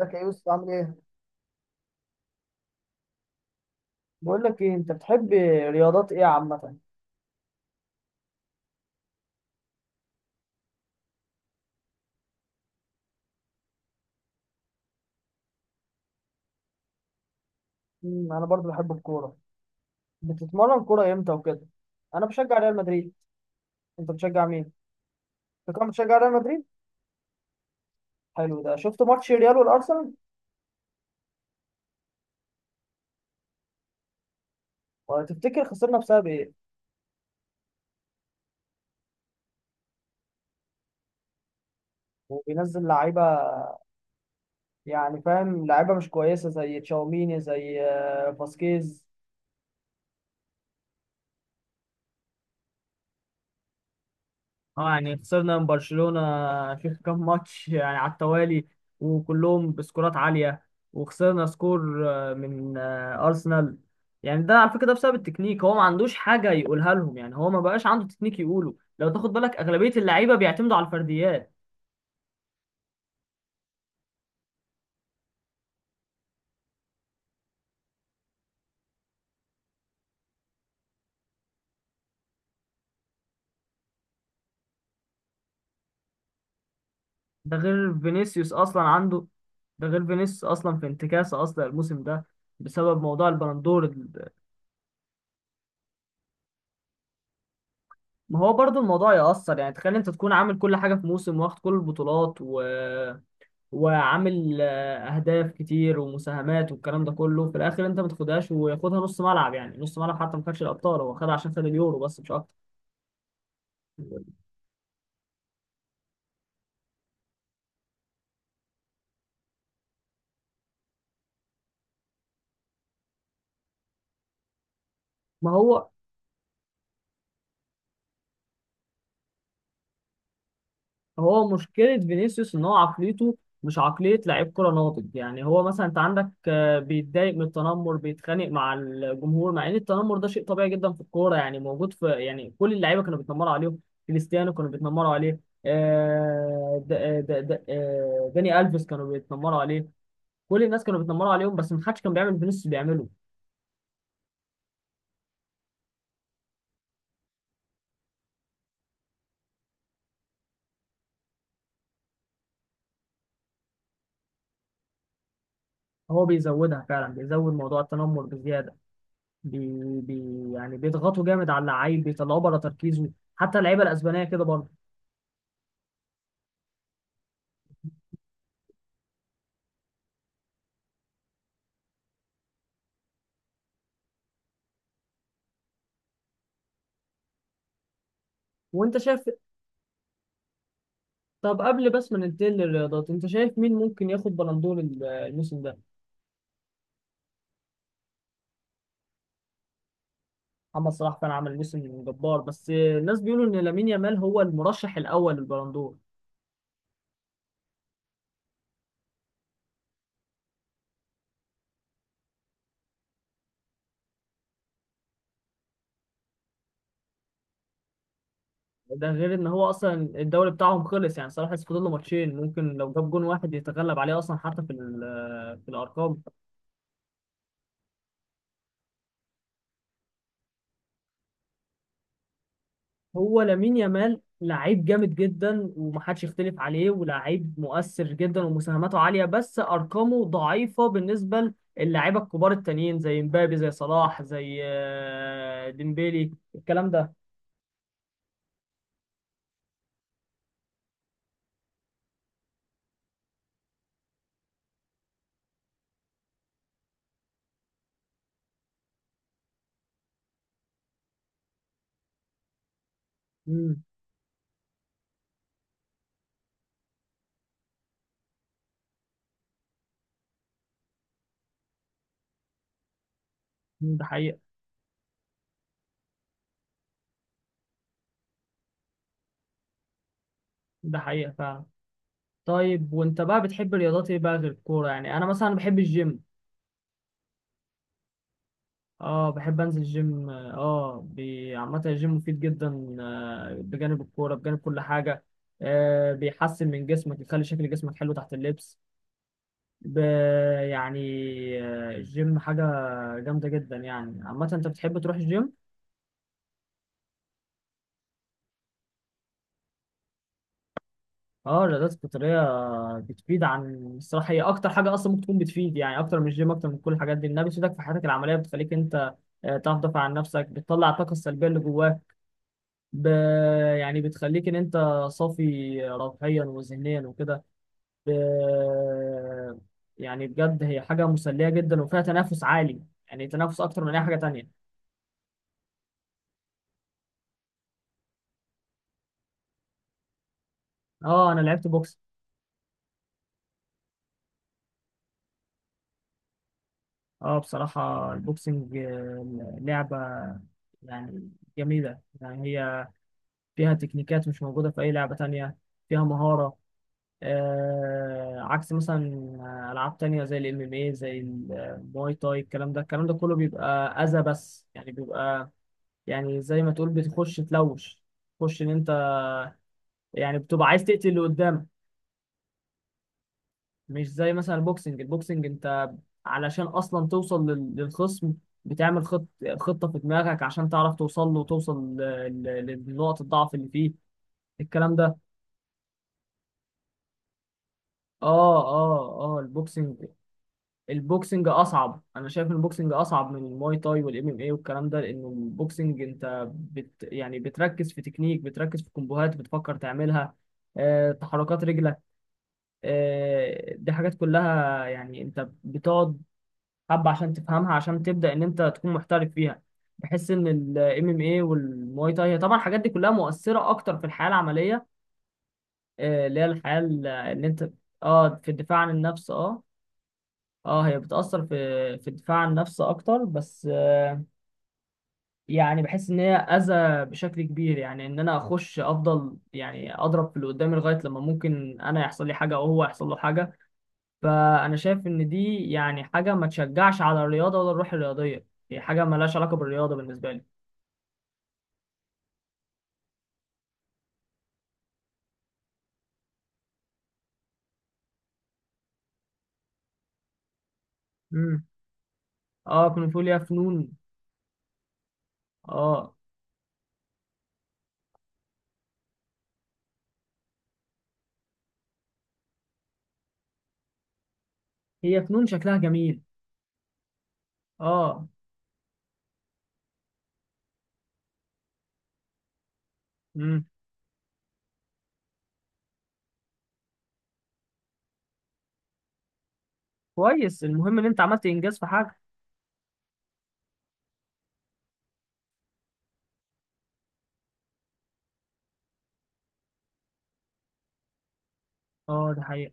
ازيك يا يوسف عامل ايه؟ بقول لك ايه انت بتحب رياضات ايه عامة؟ انا برضو بحب الكورة. بتتمرن كورة امتى وكده؟ انا بشجع ريال مدريد. انت بتشجع مين؟ انت كمان بتشجع ريال مدريد؟ حلو ده، شفت ماتش ريال والارسنال؟ وتفتكر خسرنا بسبب ايه؟ وبينزل لعيبة، يعني فاهم، لعيبة مش كويسة زي تشاوميني زي فاسكيز. اه يعني خسرنا من برشلونة في كام ماتش يعني على التوالي، وكلهم بسكورات عالية، وخسرنا سكور من أرسنال. يعني ده على فكرة ده بسبب التكنيك، هو ما عندوش حاجة يقولها لهم، يعني هو ما بقاش عنده تكنيك يقوله. لو تاخد بالك أغلبية اللعيبة بيعتمدوا على الفرديات. ده غير فينيسيوس أصلا عنده، ده غير فينيسيوس أصلا في انتكاسة أصلا الموسم ده بسبب موضوع البندور ما هو برضو الموضوع يأثر، يعني تخيل انت تكون عامل كل حاجة في موسم، واخد كل البطولات وعامل اهداف كتير ومساهمات والكلام ده كله، في الاخر انت ما تاخدهاش وياخدها نص ملعب، يعني نص ملعب حتى ما خدش الابطال، هو خدها عشان خد اليورو بس مش اكتر. ما هو هو مشكلة فينيسيوس ان هو عقليته مش عقلية لعيب كرة ناضج، يعني هو مثلا انت عندك، بيتضايق من التنمر، بيتخانق مع الجمهور، مع ان التنمر ده شيء طبيعي جدا في الكورة، يعني موجود، في يعني كل اللعيبة كانوا بيتنمروا عليهم. كريستيانو كانوا بيتنمروا عليه. داني ألفيس كانوا بيتنمروا عليه. كل الناس كانوا بيتنمروا عليهم، بس محدش كان بيعمل بنفس اللي فينيسيوس بيعمله. هو بيزودها فعلا، بيزود موضوع التنمر بزياده. بي بي يعني بيضغطوا جامد على اللعيب، بيطلعوه بره تركيزه. حتى اللعيبه الاسبانيه كده برضه. وانت شايف، طب قبل بس ما ننتقل للرياضات، انت شايف مين ممكن ياخد بلندور الموسم ده؟ محمد صلاح كان عمل موسم جبار، بس الناس بيقولوا ان لامين يامال هو المرشح الاول للبلندور. ده غير ان هو اصلا الدوري بتاعهم خلص، يعني صلاح لسه فاضل له ماتشين، ممكن لو جاب جون واحد يتغلب عليه اصلا حتى في في الارقام. هو لامين يامال لعيب جامد جدا ومحدش يختلف عليه، ولاعيب مؤثر جدا ومساهماته عالية، بس أرقامه ضعيفة بالنسبة للاعيبة الكبار التانيين زي مبابي زي صلاح زي ديمبيلي الكلام ده. امم. ده حقيقة. ده حقيقة فعلا. طيب وانت بقى بتحب الرياضات ايه بقى غير الكورة؟ يعني انا مثلا بحب الجيم. اه بحب انزل الجيم، عامة الجيم مفيد جدا، بجانب الكورة بجانب كل حاجة. آه بيحسن من جسمك، يخلي شكل جسمك حلو تحت اللبس. ب- يعني الجيم حاجة جامدة جدا. يعني عامة انت بتحب تروح الجيم؟ اه الرياضات القتالية بتفيد عن الصراحة، هي أكتر حاجة أصلا ممكن تكون بتفيد، يعني أكتر من الجيم أكتر من كل الحاجات دي، إنها بتفيدك في حياتك العملية، بتخليك أنت تعرف تدافع عن نفسك، بتطلع الطاقة السلبية اللي جواك. ب... يعني بتخليك ان انت صافي روحيا وذهنيا وكده. ب... يعني بجد هي حاجه مسليه جدا وفيها تنافس عالي، يعني تنافس اكتر من اي حاجه تانية. اه انا لعبت بوكس. اه بصراحه البوكسنج لعبه يعني جميله، يعني هي فيها تكنيكات مش موجوده في اي لعبه تانية، فيها مهاره. آه عكس مثلا العاب تانية زي الام ام اي زي المواي تاي، الكلام ده كله بيبقى اذى، بس يعني بيبقى يعني زي ما تقول بتخش تلوش، تخش ان انت يعني بتبقى عايز تقتل اللي قدامك. مش زي مثلا البوكسنج، انت علشان اصلا توصل للخصم، بتعمل خط خطة في دماغك عشان تعرف توصل له، وتوصل لنقط الضعف اللي فيه، الكلام ده. اه اه اه البوكسنج، البوكسنج اصعب. انا شايف ان البوكسنج اصعب من الماي تاي والام ام اي والكلام ده، لانه البوكسنج انت يعني بتركز في تكنيك، بتركز في كومبوهات بتفكر تعملها، تحركات رجل، دي حاجات كلها يعني انت بتقعد حبة عشان تفهمها، عشان تبدأ ان انت تكون محترف فيها. بحس ان الام ام اي والمواي تاي هي طبعا الحاجات دي كلها مؤثرة اكتر في الحياة العملية، اللي هي الحياة اللي انت. اه في الدفاع عن النفس، اه اه هي بتأثر في في الدفاع عن النفس اكتر، بس يعني بحس ان هي اذى بشكل كبير، يعني ان انا اخش افضل، يعني اضرب في اللي قدامي لغاية لما ممكن انا يحصل لي حاجة او هو يحصل له حاجة. فانا شايف ان دي يعني حاجه ما تشجعش على الرياضه، ولا الروح الرياضيه هي حاجه مالهاش علاقه بالرياضه بالنسبه لي. امم. اه كونغ فو ليها فنون، اه هي فنون شكلها جميل، اه. امم كويس، المهم ان انت عملت انجاز في حاجه. اه ده حقيقة.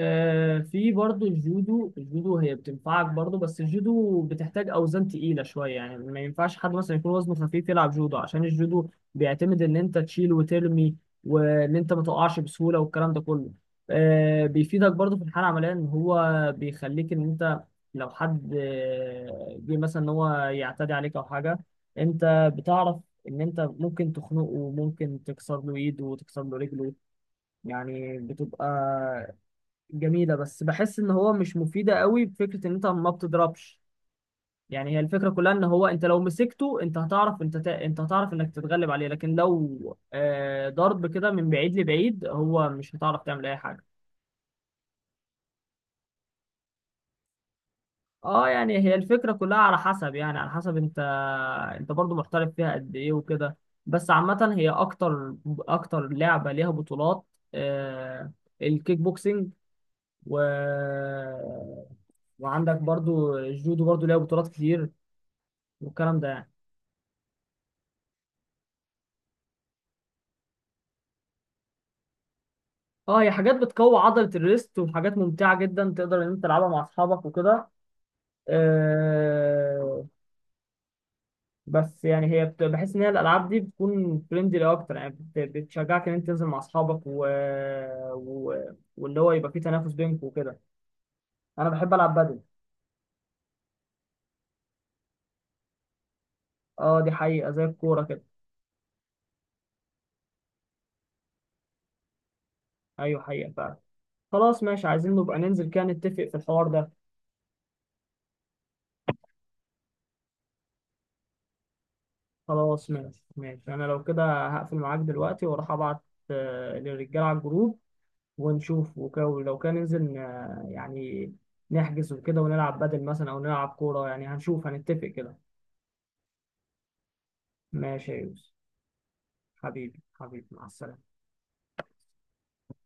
في برضه الجودو، الجودو هي بتنفعك برضه، بس الجودو بتحتاج اوزان تقيله شويه، يعني ما ينفعش حد مثلا يكون وزنه خفيف يلعب جودو، عشان الجودو بيعتمد ان انت تشيل وترمي، وان انت ما تقعش بسهوله والكلام ده كله. بيفيدك برضه في الحاله العمليه، ان هو بيخليك ان انت لو حد جه مثلا ان هو يعتدي عليك او حاجه، انت بتعرف ان انت ممكن تخنقه وممكن تكسر له ايده وتكسر له رجله. يعني بتبقى جميلة، بس بحس ان هو مش مفيدة قوي، بفكرة ان انت ما بتضربش. يعني هي الفكرة كلها ان هو انت لو مسكته انت هتعرف انت هتعرف انك تتغلب عليه، لكن لو آه ضرب كده من بعيد لبعيد هو مش هتعرف تعمل اي حاجة. اه يعني هي الفكرة كلها على حسب، يعني على حسب انت انت برضو محترف فيها قد ايه وكده. بس عامة هي اكتر لعبة ليها بطولات، آه الكيك بوكسينج، و وعندك برضو الجودو برضو ليها بطولات كتير والكلام ده يعني. اه هي حاجات بتقوي عضلة الريست، وحاجات ممتعة جدا تقدر ان انت تلعبها مع اصحابك وكده. آه بس يعني هي بحس ان هي الالعاب دي بتكون فريندلي اكتر، يعني بتشجعك ان انت تنزل مع اصحابك و... واللي هو يبقى فيه تنافس بينكم وكده. انا بحب العب بدل. اه دي حقيقة زي الكورة كده. ايوه حقيقة فعلا. خلاص ماشي، عايزين نبقى ننزل كده، نتفق في الحوار ده. خلاص ماشي ماشي، انا لو كده هقفل معاك دلوقتي واروح ابعت للرجالة على الجروب، ونشوف وك- ولو كان ننزل ن- يعني نحجز وكده ونلعب بدل مثلا او نلعب كورة، يعني هنشوف هنتفق كده. ماشي يا يوسف، حبيبي مع السلامة.